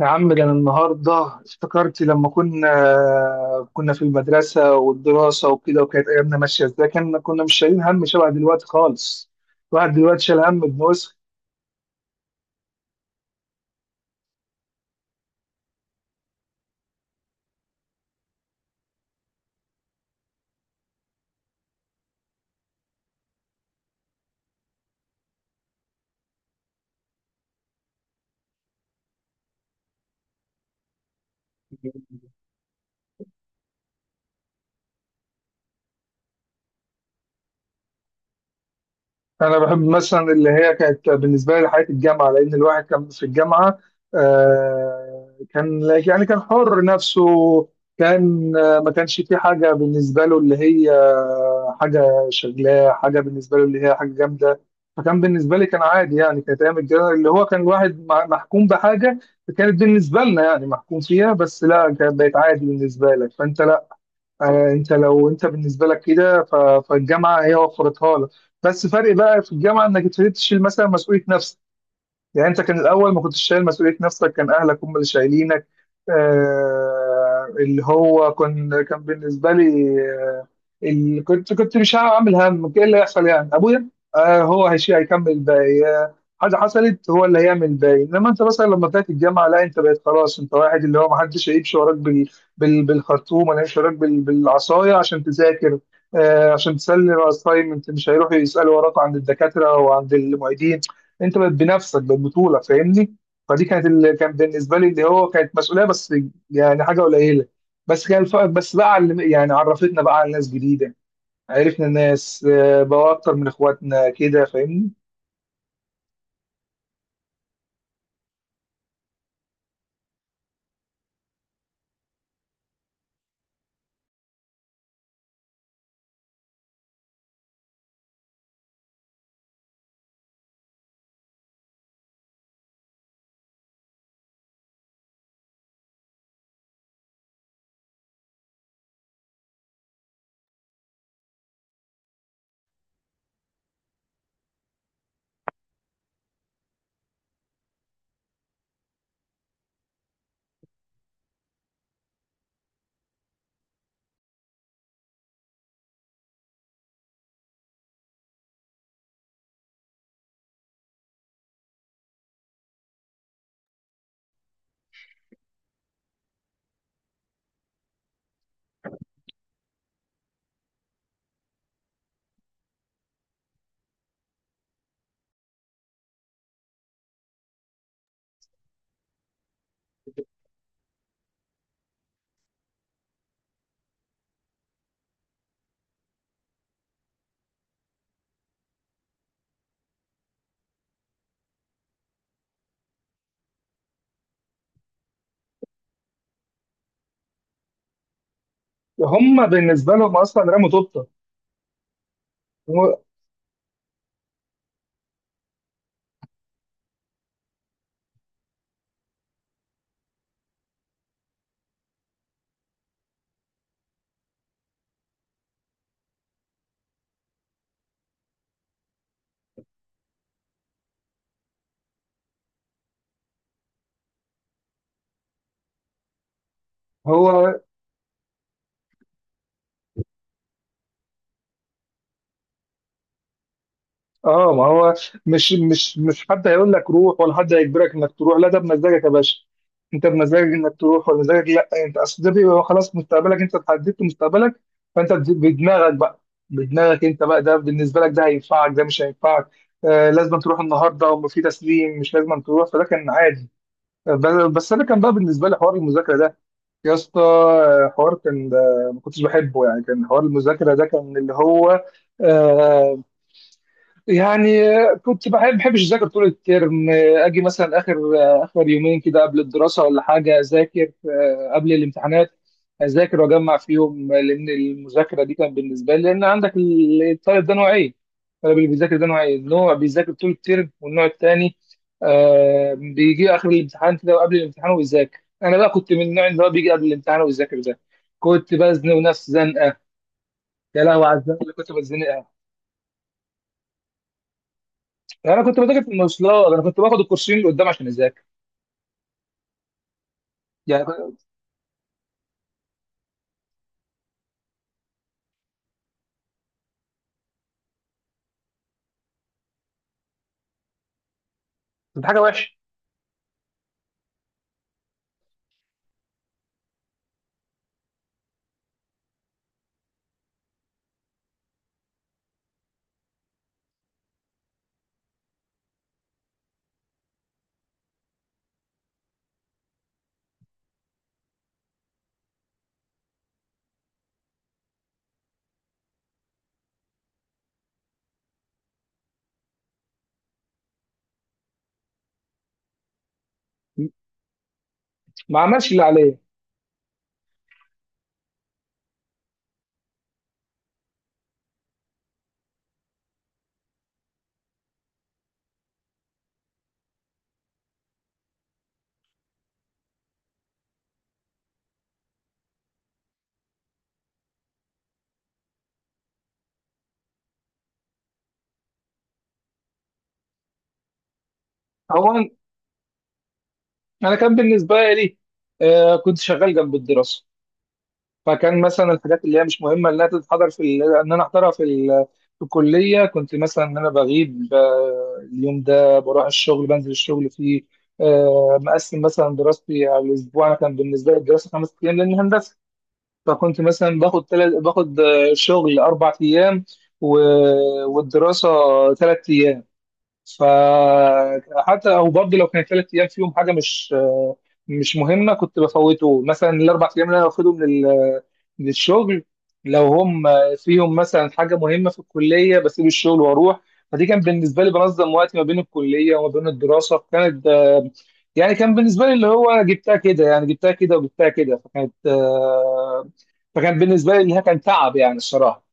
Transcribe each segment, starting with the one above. يا عم ده أنا النهارده افتكرت لما كنا في المدرسة والدراسة وكده، وكانت أيامنا ماشية إزاي. كنا مش شايلين هم شبه دلوقتي خالص. الواحد دلوقتي شايل هم ابن وسخ. انا بحب مثلا اللي هي كانت بالنسبه لي حياه الجامعه، لان الواحد كان في الجامعه كان يعني كان حر نفسه. كان ما كانش في حاجه بالنسبه له اللي هي حاجه شغلاه، حاجه بالنسبه له اللي هي حاجه جامده. فكان بالنسبه لي كان عادي، يعني كانت ايام الجامعه اللي هو كان الواحد محكوم بحاجه. كانت بالنسبه لنا يعني محكوم فيها، بس لا كانت بقت عادي بالنسبه لك، فانت لا. انت لو انت بالنسبه لك كده فالجامعه هي وفرتها لك. بس فرق بقى في الجامعه انك ابتديت تشيل مثلا مسؤوليه نفسك. يعني انت كان الاول ما كنتش شايل مسؤوليه نفسك، كان اهلك هم اللي شايلينك. اللي هو كان بالنسبه لي آه، اللي كنت مش هعمل هم ايه اللي هيحصل. يعني ابويا آه، هو هيشيل، هيكمل الباقي. آه، حاجه حصلت هو اللي هيعمل الباقي. انما انت مثلا لما طلعت الجامعه لا، انت بقيت خلاص انت واحد اللي هو ما حدش هيمشي وراك بالخرطوم ولا هيمشي وراك بالعصايه عشان تذاكر، آه عشان تسلم اساينمنت. مش هيروحوا يسالوا وراك عند الدكاتره وعند المعيدين. انت بقت بنفسك، بقت بطوله، فاهمني؟ فدي كانت اللي كان بالنسبه لي اللي هو كانت مسؤوليه، بس يعني حاجه قليله. بس كان الفرق بس بقى يعني عرفتنا بقى على ناس جديده. عرفنا ناس بقى اكتر من اخواتنا كده، فاهمني؟ هم بالنسبه لهم اصلا رموا طوبه. هو هو اه، ما هو مش حد هيقول لك روح، ولا حد هيجبرك انك تروح، لا ده بمزاجك يا باشا. انت بمزاجك انك تروح ولا مزاجك لا. انت اصل ده بيبقى خلاص مستقبلك، انت اتحددت مستقبلك. فانت بدماغك بقى. بدماغك انت بقى، ده بالنسبه لك ده هينفعك، ده مش هينفعك. آه لازم تروح النهارده وفي تسليم، مش لازم تروح، فده كان عادي. بس انا كان بقى بالنسبه لي حوار المذاكره ده يا اسطى، حوار كان ما كنتش بحبه. يعني كان حوار المذاكره ده كان اللي هو آه، يعني كنت بحب بحبش اذاكر طول الترم. اجي مثلا اخر يومين كده قبل الدراسه ولا حاجه اذاكر قبل الامتحانات اذاكر واجمع فيهم. لان المذاكره دي كانت بالنسبه لي، لان عندك الطالب ده نوعين. الطالب اللي بيذاكر ده نوعين، نوع بيذاكر طول الترم، والنوع الثاني بيجي اخر الامتحان كده، وقبل الامتحان ويذاكر. انا بقى كنت من النوع اللي هو بيجي قبل الامتحان ويذاكر ده. كنت بزنق نفسي زنقه، يا لهوي على الزنقه اللي كنت بزنقها. يعني انا كنت بذاكر في المواصلات، انا كنت باخد الكورسين اللي قدام عشان اذاكر. يعني كنت حاجه وحشه، ما عملش اللي عليه. هو انا أنا كان بالنسبه لي كنت شغال جنب الدراسه. فكان مثلا الحاجات اللي هي مش مهمه انها تتحضر في ان انا احضرها في في الكليه، كنت مثلا ان انا بغيب اليوم ده بروح الشغل، بنزل الشغل فيه. مقسم مثلا دراستي على الاسبوع. انا كان بالنسبه لي الدراسه خمس ايام لان هندسه. فكنت مثلا باخد شغل اربع ايام و... والدراسه ثلاث ايام. فحتى او برضه لو كان ثلاث ايام فيهم حاجه مش مهمه، كنت بفوته مثلا. الاربع ايام اللي انا باخدهم للشغل، لو هم فيهم مثلا حاجه مهمه في الكليه بسيب الشغل واروح. فدي كان بالنسبه لي بنظم وقتي ما بين الكليه وما بين الدراسه. كانت يعني كان بالنسبه لي اللي هو جبتها كده، يعني جبتها كده وجبتها كده. فكانت فكان بالنسبه لي انها كان تعب يعني الصراحه.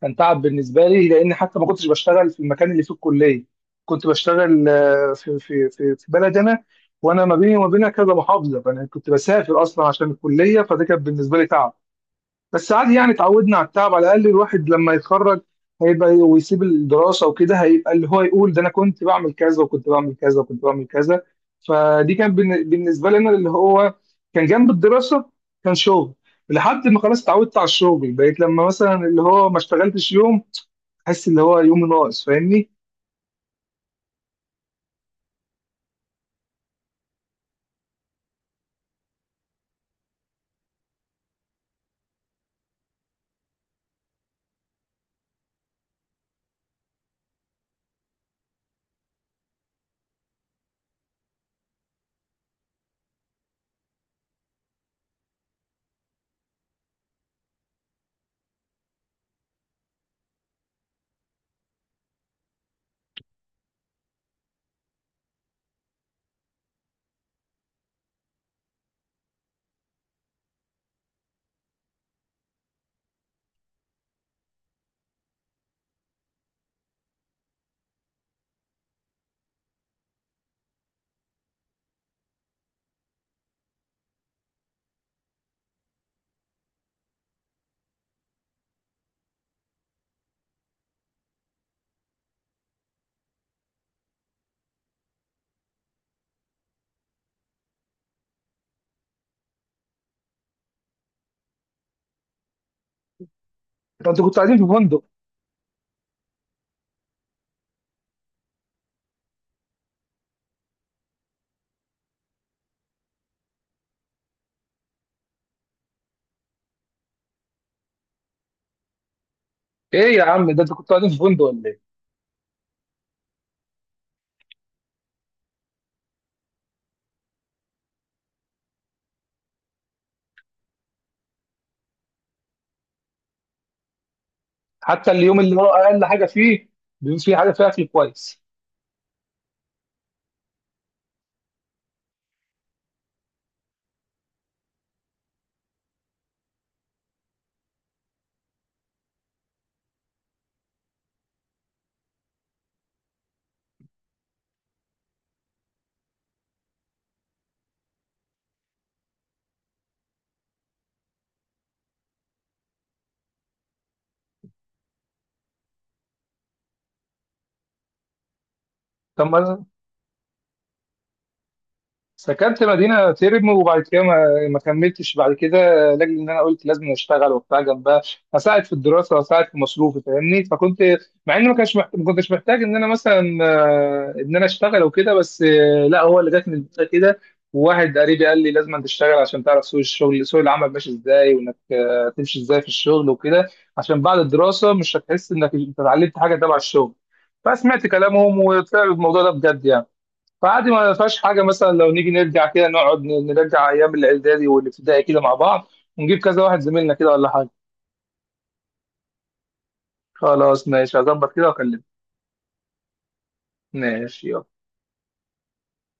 كان تعب بالنسبه لي، لان حتى ما كنتش بشتغل في المكان اللي فيه الكليه. كنت بشتغل في في بلد انا، وانا ما بيني وما بينها كذا محافظه، فانا كنت بسافر اصلا عشان الكليه. فده كان بالنسبه لي تعب، بس عادي يعني اتعودنا على التعب. على الاقل الواحد لما يتخرج هيبقى ويسيب الدراسه وكده، هيبقى اللي هو يقول ده انا كنت بعمل كذا وكنت بعمل كذا وكنت بعمل كذا. فدي كان بالنسبه لنا اللي هو كان جنب الدراسه كان شغل، لحد ما خلاص اتعودت على الشغل. بقيت لما مثلا اللي هو ما اشتغلتش يوم حاسس اللي هو يوم ناقص، فاهمني؟ ده انتوا كنتوا قاعدين في فندق؟ ايه يا عم، ده انتوا كنتوا قاعدين في فندق ولا ايه؟ حتى اليوم اللي هو اقل حاجه فيه بيبقى فيه حاجه فيها اكل كويس. طب ما سكنت مدينة تيرم وبعد كده ما كملتش بعد كده، لاجل ان انا قلت لازم اشتغل وبتاع جنبها، اساعد في الدراسة واساعد في مصروفي، فاهمني؟ فكنت مع ان ما كانش ما كنتش محتاج ان انا مثلا ان انا اشتغل وكده، بس لا هو اللي جاتني البداية كده. وواحد قريبي قال لي لازم أن تشتغل عشان تعرف سوق الشغل، سوق العمل ماشي ازاي، وانك تمشي ازاي في الشغل وكده، عشان بعد الدراسة مش هتحس انك انت اتعلمت حاجة تبع الشغل. فسمعت كلامهم، وطلع الموضوع ده بجد يعني. فعادي، ما فيهاش حاجة مثلا لو نيجي نرجع كده، نقعد نرجع أيام الإعدادي والابتدائي كده مع بعض، ونجيب كذا واحد زميلنا كده ولا حاجة. خلاص ماشي، هظبط كده وأكلمك. ماشي، يلا.